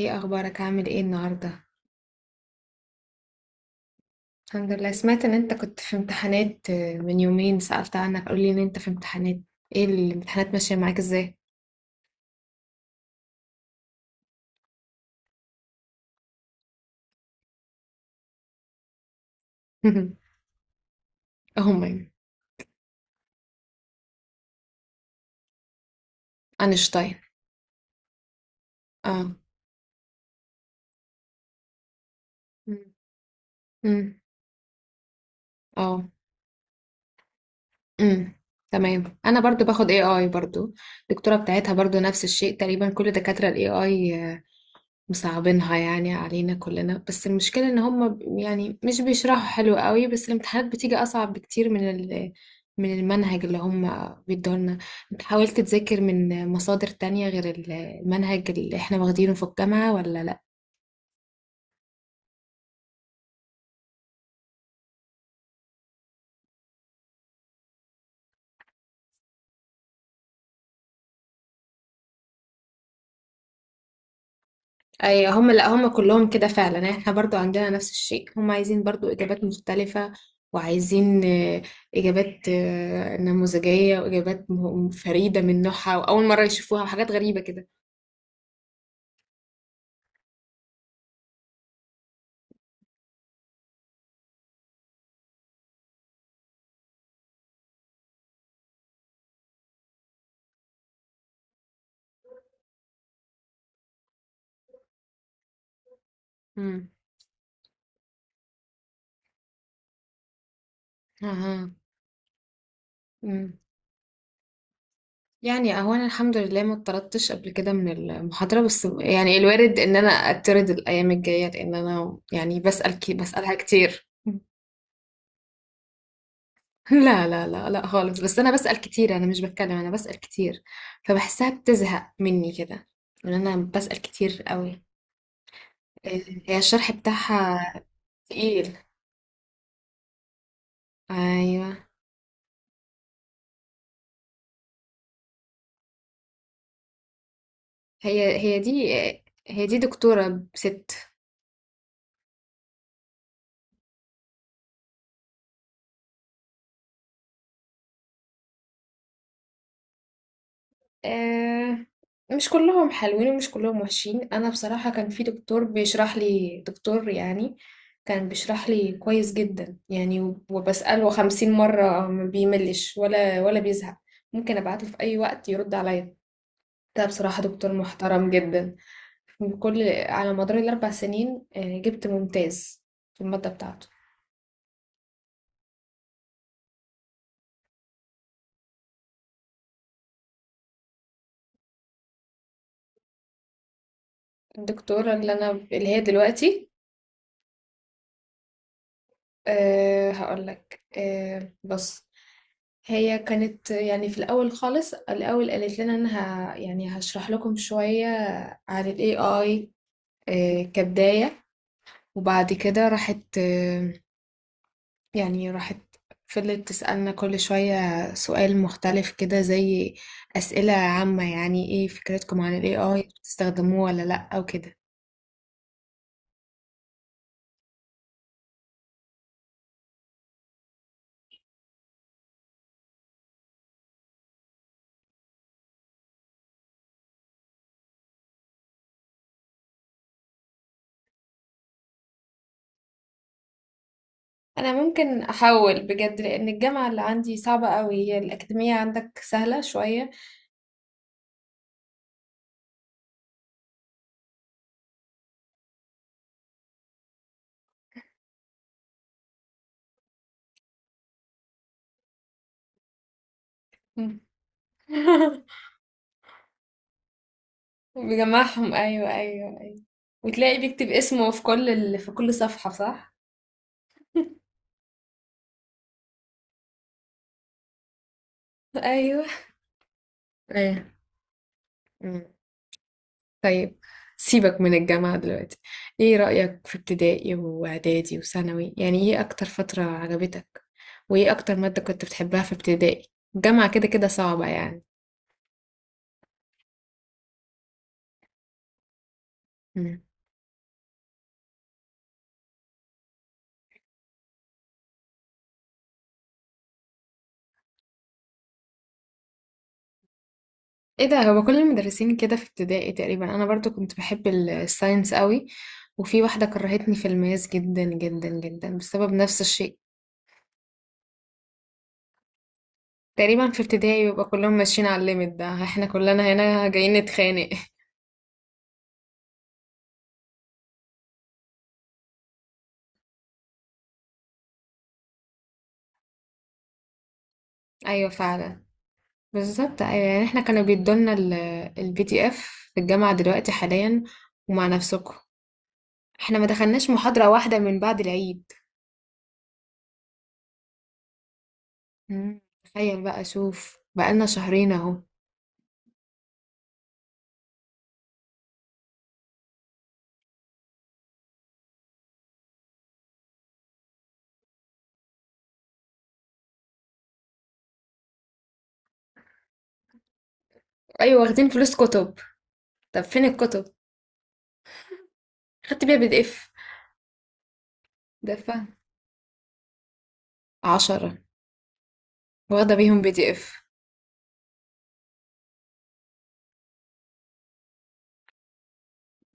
ايه اخبارك؟ عامل ايه النهارده؟ الحمد لله. سمعت ان انت كنت في امتحانات، من يومين سألت عنك، قولي ان انت في امتحانات. ايه الامتحانات ماشيه معاك ازاي؟ هم. اينشتاين. اه. مم. مم. اه. مم. تمام، انا برضو باخد اي اي برضو. الدكتوره بتاعتها برضو نفس الشيء تقريبا، كل دكاتره الاي اي مصعبينها يعني علينا كلنا، بس المشكلة ان هم يعني مش بيشرحوا حلو قوي، بس الامتحانات بتيجي اصعب بكتير من من المنهج اللي هم بيدولنا. انت حاولت تذاكر من مصادر تانية غير المنهج اللي احنا واخدينه في الجامعة ولا لا؟ اي هم، لا هم كلهم كده فعلا، يعني احنا برضو عندنا نفس الشيء. هم عايزين برضو اجابات مختلفة، وعايزين اجابات نموذجية، واجابات فريدة من نوعها، واول مرة يشوفوها، وحاجات غريبة كده. امم. اها. مم. يعني اهو انا الحمد لله ما اتطردتش قبل كده من المحاضرة، بس يعني الوارد ان انا اتطرد الايام الجاية، لان انا يعني بسأل بسألها كتير. لا لا لا لا خالص، بس انا بسأل كتير، انا مش بتكلم، انا بسأل كتير، فبحسها بتزهق مني كده ان انا بسأل كتير قوي. هي الشرح بتاعها تقيل. ايوه. هي هي دي هي دي دكتورة ست. آه، مش كلهم حلوين ومش كلهم وحشين، انا بصراحة كان في دكتور بيشرح لي، دكتور يعني كان بيشرح لي كويس جدا يعني، وبسأله 50 مرة ما بيملش ولا بيزهق، ممكن ابعته في اي وقت يرد عليا. ده بصراحة دكتور محترم جدا بكل على مدار الـ4 سنين جبت ممتاز في المادة بتاعته. الدكتورة اللي هي دلوقتي، هقول لك، بص، هي كانت يعني في الأول خالص، الأول قالت لنا أنا يعني هشرح لكم شوية عن ال AI، كبداية، وبعد كده راحت أه يعني راحت فضلت تسألنا كل شوية سؤال مختلف كده، زي أسئلة عامة، يعني إيه فكرتكم عن ال AI، بتستخدموه ولا لأ، أو كده. أنا ممكن أحاول بجد، لأن الجامعة اللي عندي صعبة أوي، هي الأكاديمية عندك سهلة شوية. بجمعهم، ايوه ايوه ايوه. وتلاقي بيكتب اسمه في كل ال... في كل صفحة، صح؟ ايوه. ايه. مم. طيب، سيبك من الجامعة دلوقتي، ايه رأيك في ابتدائي واعدادي وثانوي؟ يعني ايه اكتر فترة عجبتك، وايه اكتر مادة كنت بتحبها في ابتدائي؟ الجامعة كده كده صعبة يعني. مم. ايه ده، هو كل المدرسين كده في ابتدائي تقريبا انا برضو كنت بحب ال- الساينس قوي وفي واحدة كرهتني في الماس جدا جدا جدا بسبب نفس الشيء تقريبا في ابتدائي بيبقى كلهم ماشيين على الليميت ده احنا كلنا هنا جايين نتخانق ايوه فعلا بالظبط ايوه يعني احنا كانوا بيدولنا البي دي اف في الجامعة دلوقتي حاليا ومع نفسكم احنا ما دخلناش محاضرة واحدة من بعد العيد مم، تخيل بقى شوف بقالنا شهرين اهو ايوه واخدين فلوس كتب طب فين الكتب خدت بيها بي دي اف دفع عشرة واخدة بيهم بي دي اف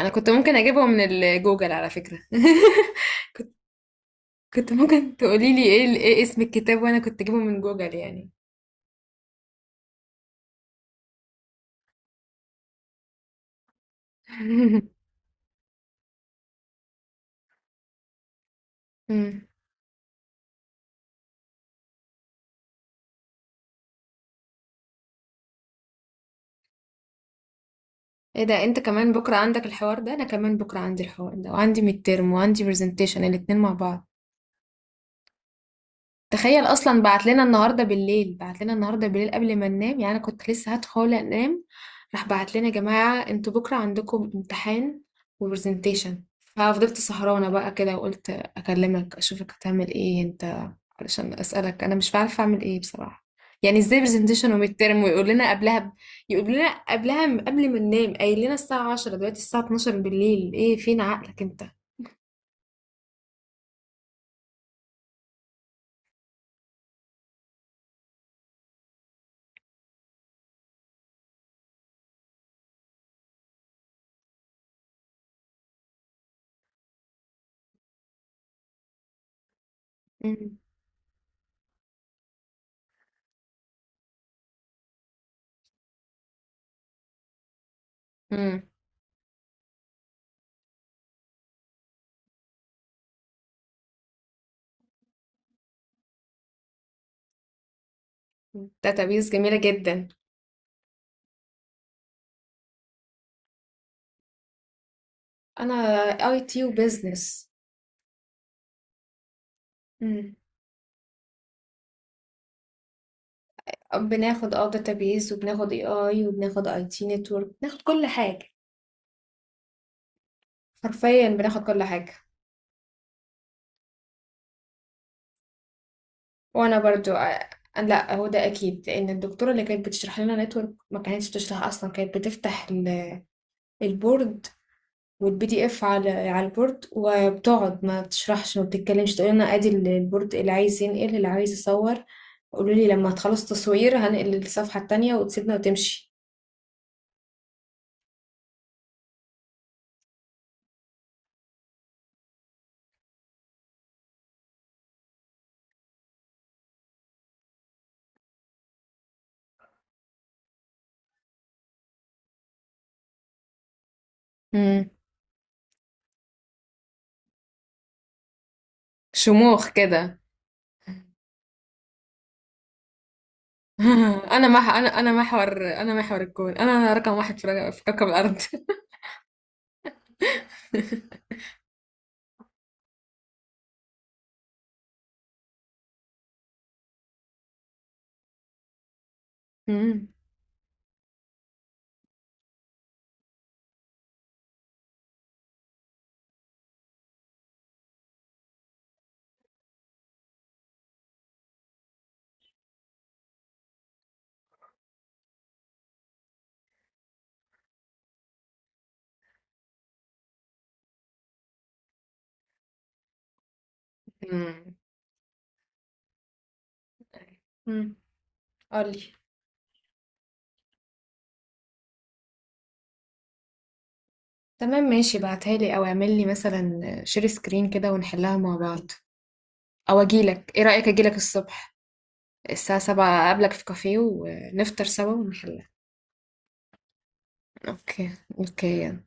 انا كنت ممكن اجيبهم من الجوجل على فكرة كنت ممكن تقولي لي ايه ايه اسم الكتاب وانا كنت اجيبه من جوجل يعني مم. ايه ده انت كمان بكره عندك الحوار ده؟ انا كمان بكره عندي الحوار ده، وعندي ميد ترم وعندي برزنتيشن الاتنين مع بعض. تخيل، اصلا بعت لنا النهارده بالليل، بعت لنا النهارده بالليل قبل ما ننام، يعني انا كنت لسه هدخل انام، راح بعت لنا يا جماعه انتوا بكره عندكم امتحان وبرزنتيشن. ففضلت سهرانه بقى كده، وقلت اكلمك اشوفك هتعمل ايه انت، علشان اسالك، انا مش عارفه اعمل ايه بصراحه. يعني ازاي برزنتيشن وميد ترم، ويقول لنا قبلها ب... يقول لنا قبلها م- قبل ما ننام، قايل لنا الساعه 10 دلوقتي الساعه 12 بالليل، ايه فين عقلك انت؟ امم. امم. داتابيز جميله جدا. انا اي تي وبزنس. امم. بناخد داتابيز، وبناخد اي اي، وبناخد اي تي نتورك، بناخد كل حاجة، حرفيا بناخد كل حاجة. وانا برضو لا، هو ده اكيد، لان الدكتورة اللي كانت بتشرح لنا نتورك ما كانتش بتشرح اصلا، كانت بتفتح البورد والبي دي اف على البورد، وبتقعد ما بتشرحش ما بتتكلمش، تقول لنا ادي البورد، اللي عايز ينقل اللي عايز يصور، قولوا لي لما تخلص تصوير هنقل للصفحة التانية، وتسيبنا وتمشي. امم. شموخ كده. انا مح انا انا محور انا محور الكون، انا رقم واحد في في كوكب الارض. مم. مم. امم. قولي. تمام، ماشي، بعتها لي او اعمل لي مثلا شير سكرين كده ونحلها مع بعض، او اجيلك، ايه رأيك اجيلك الصبح الساعة 7، اقابلك في كافيه ونفطر سوا ونحلها. اوكي. اوكي.